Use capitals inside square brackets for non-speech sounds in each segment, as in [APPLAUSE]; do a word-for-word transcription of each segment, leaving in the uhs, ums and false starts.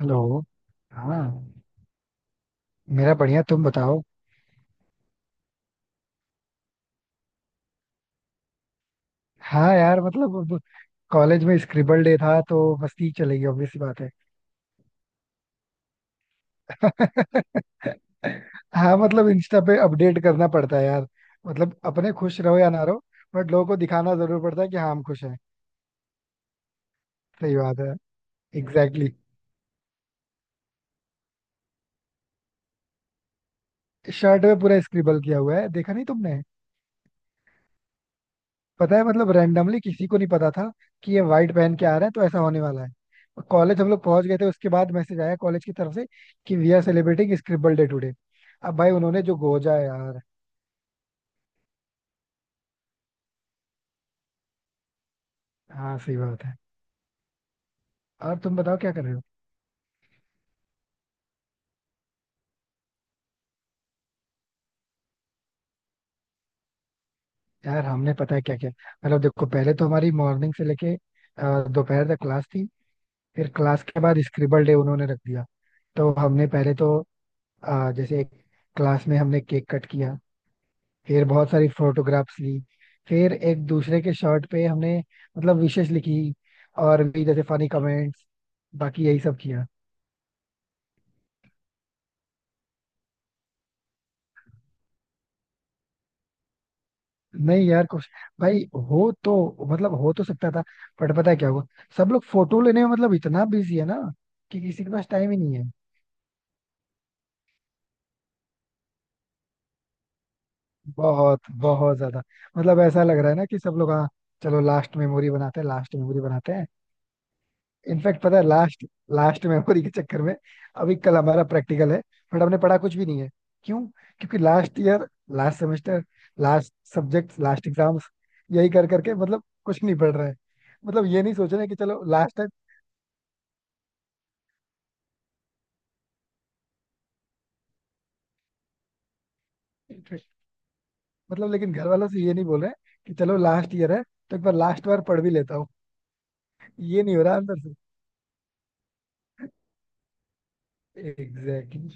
Hello. हाँ. मेरा बढ़िया, तुम बताओ. हाँ यार, मतलब अब कॉलेज में स्क्रिबल डे था तो मस्ती चलेगी, ऑब्वियस सी बात है. [LAUGHS] हाँ, मतलब इंस्टा पे अपडेट करना पड़ता है यार. मतलब अपने खुश रहो या ना रहो. बट लोगों को दिखाना जरूर पड़ता है कि हाँ, हम खुश हैं. सही बात है. Exactly exactly. शर्ट पे पूरा स्क्रिबल किया हुआ है, देखा नहीं तुमने. पता है, मतलब रैंडमली किसी को नहीं पता था कि ये व्हाइट पहन के आ रहे हैं तो ऐसा होने वाला है. कॉलेज हम लोग पहुंच गए थे, उसके बाद मैसेज आया कॉलेज की तरफ से कि we are celebrating scribble day today. अब भाई उन्होंने जो गोजा है यार. हाँ, सही बात है. और तुम बताओ क्या कर रहे हो. यार हमने, पता है क्या क्या, मतलब देखो पहले तो हमारी मॉर्निंग से लेके अ, दोपहर तक क्लास थी. फिर क्लास के बाद स्क्रिबल डे उन्होंने रख दिया. तो हमने पहले तो अ, जैसे क्लास में हमने केक कट किया. फिर बहुत सारी फोटोग्राफ्स ली. फिर एक दूसरे के शर्ट पे हमने मतलब विशेष लिखी, और भी जैसे फनी कमेंट्स. बाकी यही सब किया. नहीं यार, कुछ भाई हो तो, मतलब हो तो सकता था. बट पता है क्या हुआ. सब लोग फोटो लेने में मतलब इतना बिजी है ना, कि किसी के पास टाइम ही नहीं है. बहुत बहुत ज्यादा. मतलब ऐसा लग रहा है ना कि सब लोग, हाँ, चलो लास्ट मेमोरी बनाते हैं, लास्ट मेमोरी बनाते हैं. इनफैक्ट पता है, लास्ट लास्ट मेमोरी के चक्कर में अभी कल हमारा प्रैक्टिकल है, बट हमने पढ़ा कुछ भी नहीं है. क्यों? क्योंकि last year, last semester, last subject, last exams, यही कर करके मतलब कुछ नहीं पढ़ रहे हैं. मतलब ये नहीं सोच रहे कि चलो लास्ट टाइम. मतलब लेकिन घर वालों से ये नहीं बोल रहे कि चलो लास्ट ईयर है तो एक बार लास्ट बार पढ़ भी लेता हूँ. ये नहीं हो रहा अंदर से. एग्जैक्टली.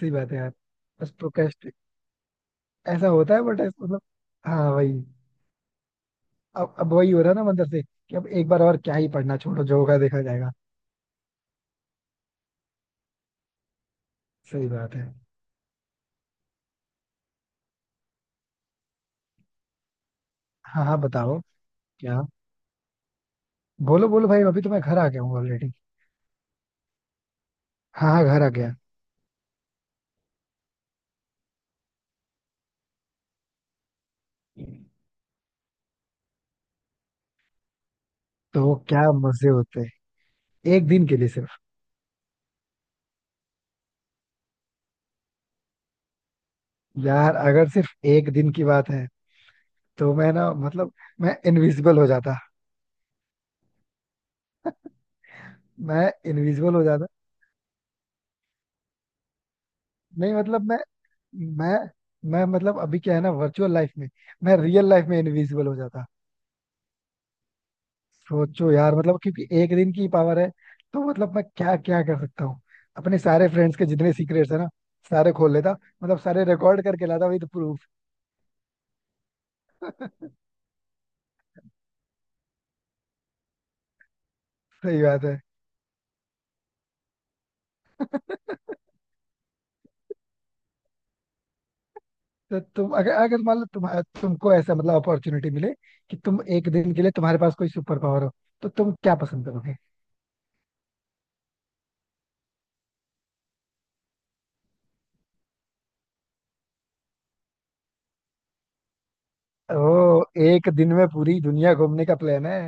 सही बात है यार. बस प्रोक्रेस्ट. ऐसा होता है बट मतलब, हाँ भाई. अब अब वही हो रहा है ना मंदिर से कि अब एक बार और क्या ही पढ़ना, छोड़ो जो होगा देखा जाएगा. सही बात है. हाँ हाँ, बताओ. क्या? बोलो बोलो भाई, अभी तो मैं घर आ गया हूँ ऑलरेडी. हाँ हाँ, घर आ गया. तो क्या मजे होते हैं. एक दिन के लिए सिर्फ. यार अगर सिर्फ एक दिन की बात है, तो मैं ना, मतलब मैं इनविजिबल हो जाता. मैं इनविजिबल हो जाता. नहीं मतलब मैं मैं मैं मतलब अभी क्या है ना, वर्चुअल लाइफ में मैं रियल लाइफ में इनविजिबल हो जाता. सोचो यार, मतलब क्योंकि एक दिन की पावर है तो मतलब मैं क्या क्या कर सकता हूँ. अपने सारे फ्रेंड्स के जितने सीक्रेट्स है ना, सारे खोल लेता. मतलब सारे रिकॉर्ड करके लाता विद प्रूफ. [LAUGHS] सही बात है. [LAUGHS] तो तुम, अगर अगर मान लो तुम, तुमको ऐसा मतलब अपॉर्चुनिटी मिले कि तुम एक दिन के लिए, तुम्हारे पास कोई सुपर पावर हो, तो तुम क्या पसंद करोगे. ओ, एक दिन में पूरी दुनिया घूमने का प्लान है.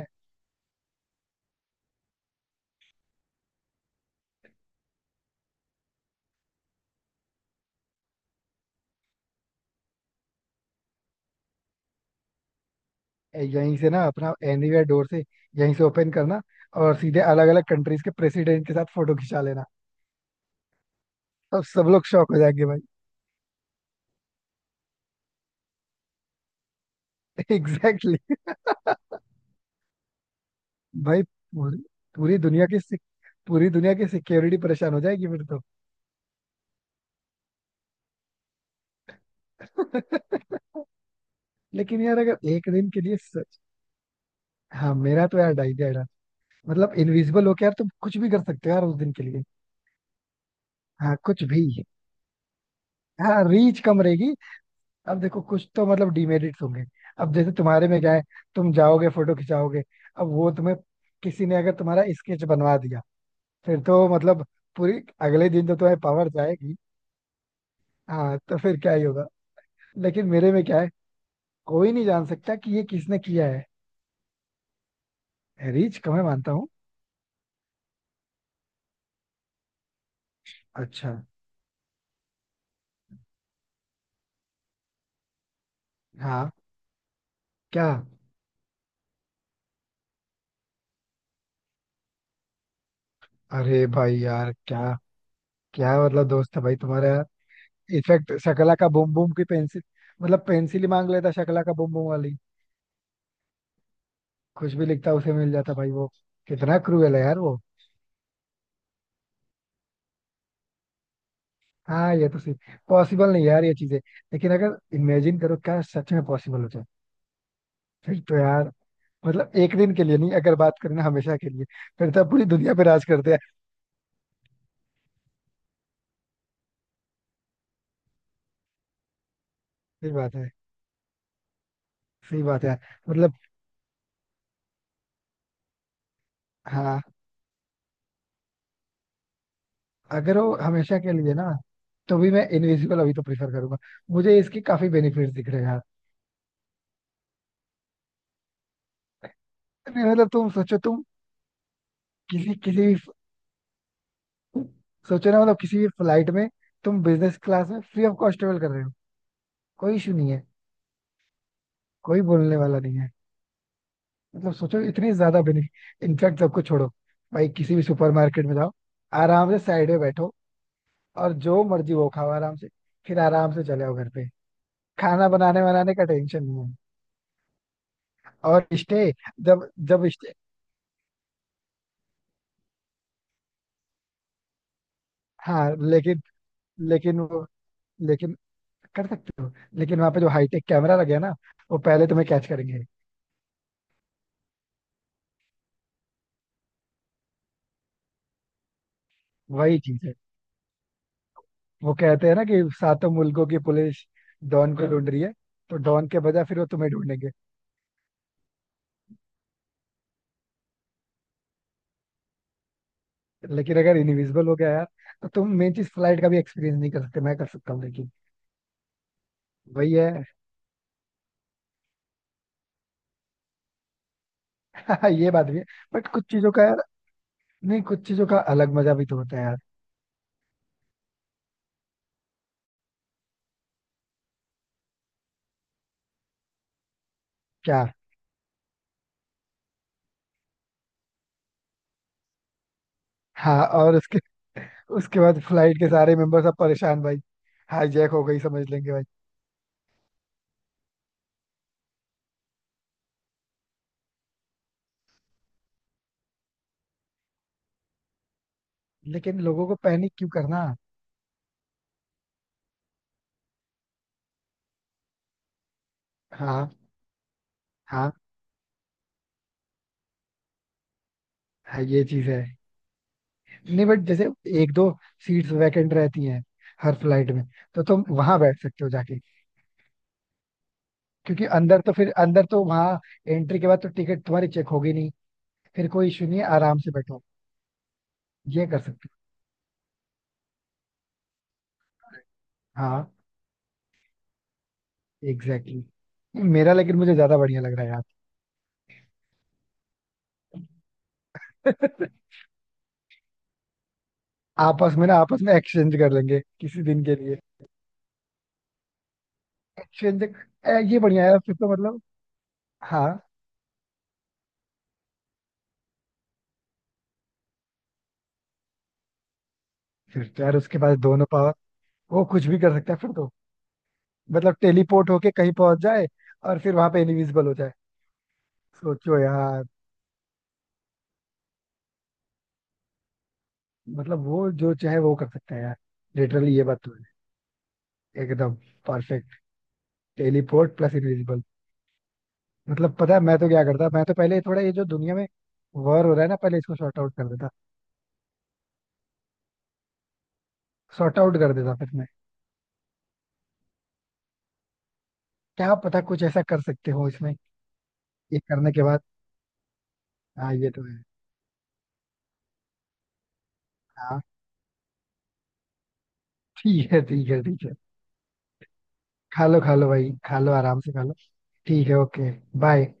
यहीं से ना अपना एनीवेयर डोर से, यहीं से ओपन करना और सीधे अलग अलग कंट्रीज के प्रेसिडेंट के साथ फोटो खिंचा लेना. अब सब लोग शॉक हो जाएंगे भाई. [LAUGHS] Exactly exactly. [LAUGHS] भाई पूरी पूरी दुनिया की सिक- पूरी दुनिया की सिक्योरिटी परेशान हो जाएगी फिर तो. [LAUGHS] लेकिन यार अगर एक दिन के लिए सच. हाँ, मेरा तो यार आइडिया था. मतलब इनविजिबल होके यार तुम कुछ भी कर सकते हो यार उस दिन के लिए. हाँ, कुछ भी. हाँ, रीच कम रहेगी. अब देखो कुछ तो मतलब डिमेरिट्स होंगे. अब जैसे तुम्हारे में क्या है, तुम जाओगे फोटो खिंचाओगे, अब वो तुम्हें, किसी ने अगर तुम्हारा स्केच बनवा दिया, फिर तो मतलब पूरी, अगले दिन तो तुम्हें पावर जाएगी. हाँ, तो फिर क्या ही होगा. लेकिन मेरे में क्या है, कोई नहीं जान सकता कि ये किसने किया है. रीच को मैं मानता हूँ. अच्छा. हाँ. क्या? अरे भाई यार, क्या? क्या मतलब दोस्त है भाई तुम्हारा यार. इनफैक्ट शकला का बूम बूम की पेंसिल, मतलब पेंसिल ही मांग लेता शकला का बूम बूम वाली. कुछ भी लिखता उसे मिल जाता भाई वो. कितना क्रूएल है यार वो. हाँ, ये तो पॉसिबल नहीं है यार, ये चीजें. लेकिन अगर इमेजिन करो, क्या सच में पॉसिबल हो जाए, फिर तो यार. मतलब एक दिन के लिए नहीं, अगर बात करें ना हमेशा के लिए, फिर तो पूरी दुनिया पे राज करते. सही बात है. सही बात है. मतलब हाँ, अगर वो हमेशा के लिए ना, तो भी मैं इनविजिबल अभी तो प्रेफर करूंगा. मुझे इसके काफी बेनिफिट्स दिख रहे हैं यार. नहीं, मतलब तुम सोचो, तुम किसी, किसी भी, सोचो ना, मतलब किसी भी फ्लाइट में तुम बिजनेस क्लास में फ्री ऑफ कॉस्ट ट्रेवल कर रहे हो. कोई इशू नहीं है. कोई बोलने वाला नहीं है. मतलब सोचो इतनी ज्यादा बेनिफिट. इनफैक्ट सबको छोड़ो, भाई किसी भी सुपरमार्केट में जाओ, आराम से साइड में बैठो और जो मर्जी वो खाओ आराम से, फिर आराम से चले आओ घर पे. खाना बनाने बनाने का टेंशन नहीं है. और स्टे, जब जब स्टे. हाँ लेकिन लेकिन वो, लेकिन कर सकते हो. लेकिन वहां पे जो हाईटेक कैमरा लगे हैं ना, वो पहले तुम्हें कैच करेंगे. वही चीज है. वो कहते हैं ना कि सातों मुल्कों की पुलिस डॉन को ढूंढ रही है, तो डॉन के बजाय फिर वो तुम्हें ढूंढेंगे. लेकिन अगर इनविजिबल हो गया यार, तो तुम मेन चीज फ्लाइट का भी एक्सपीरियंस नहीं कर सकते, मैं कर सकता हूँ लेकिन. वही है. [LAUGHS] ये बात भी है. बट कुछ चीजों का यार, नहीं कुछ चीजों का अलग मजा भी तो होता है यार. क्या? हाँ, और उसके उसके बाद फ्लाइट के सारे मेंबर सब परेशान भाई. हाईजैक हो गई समझ लेंगे भाई. लेकिन लोगों को पैनिक क्यों करना. हाँ हाँ हाँ, ये चीज है. नहीं बट जैसे एक दो सीट्स वैकेंट रहती हैं हर फ्लाइट में, तो तुम वहां बैठ सकते हो जाके. क्योंकि अंदर तो, फिर अंदर तो वहां एंट्री के बाद तो टिकट तुम्हारी चेक होगी नहीं, फिर कोई इशू नहीं है, आराम से बैठो. ये कर सकते हो. हाँ एग्जैक्टली exactly. मेरा, लेकिन मुझे ज्यादा बढ़िया लग रहा है यार. [LAUGHS] आपस में ना, आपस में एक्सचेंज कर लेंगे किसी दिन के लिए. एक्सचेंज. ये बढ़िया है फिर तो मतलब. हाँ, फिर तो यार उसके पास दोनों पावर, वो कुछ भी कर सकता है फिर तो. मतलब टेलीपोर्ट होके कहीं पहुंच जाए, और फिर वहां पे इनविजिबल हो जाए. सोचो यार. मतलब वो जो चाहे वो कर सकता है यार. लिटरली, ये बात तो है एकदम. परफेक्ट. Teleport plus invisible. मतलब पता है मैं तो क्या करता, मैं तो पहले थोड़ा ये जो दुनिया में वॉर हो रहा है ना, पहले इसको सॉर्ट आउट कर देता. सॉर्ट आउट कर देता फिर मैं. क्या पता कुछ ऐसा कर सकते हो इसमें, ये करने के बाद. हाँ, ये तो है. हाँ. ठीक है, ठीक है, ठीक है. खा लो खा लो भाई, खा लो आराम से खा लो. ठीक है. Okay, bye.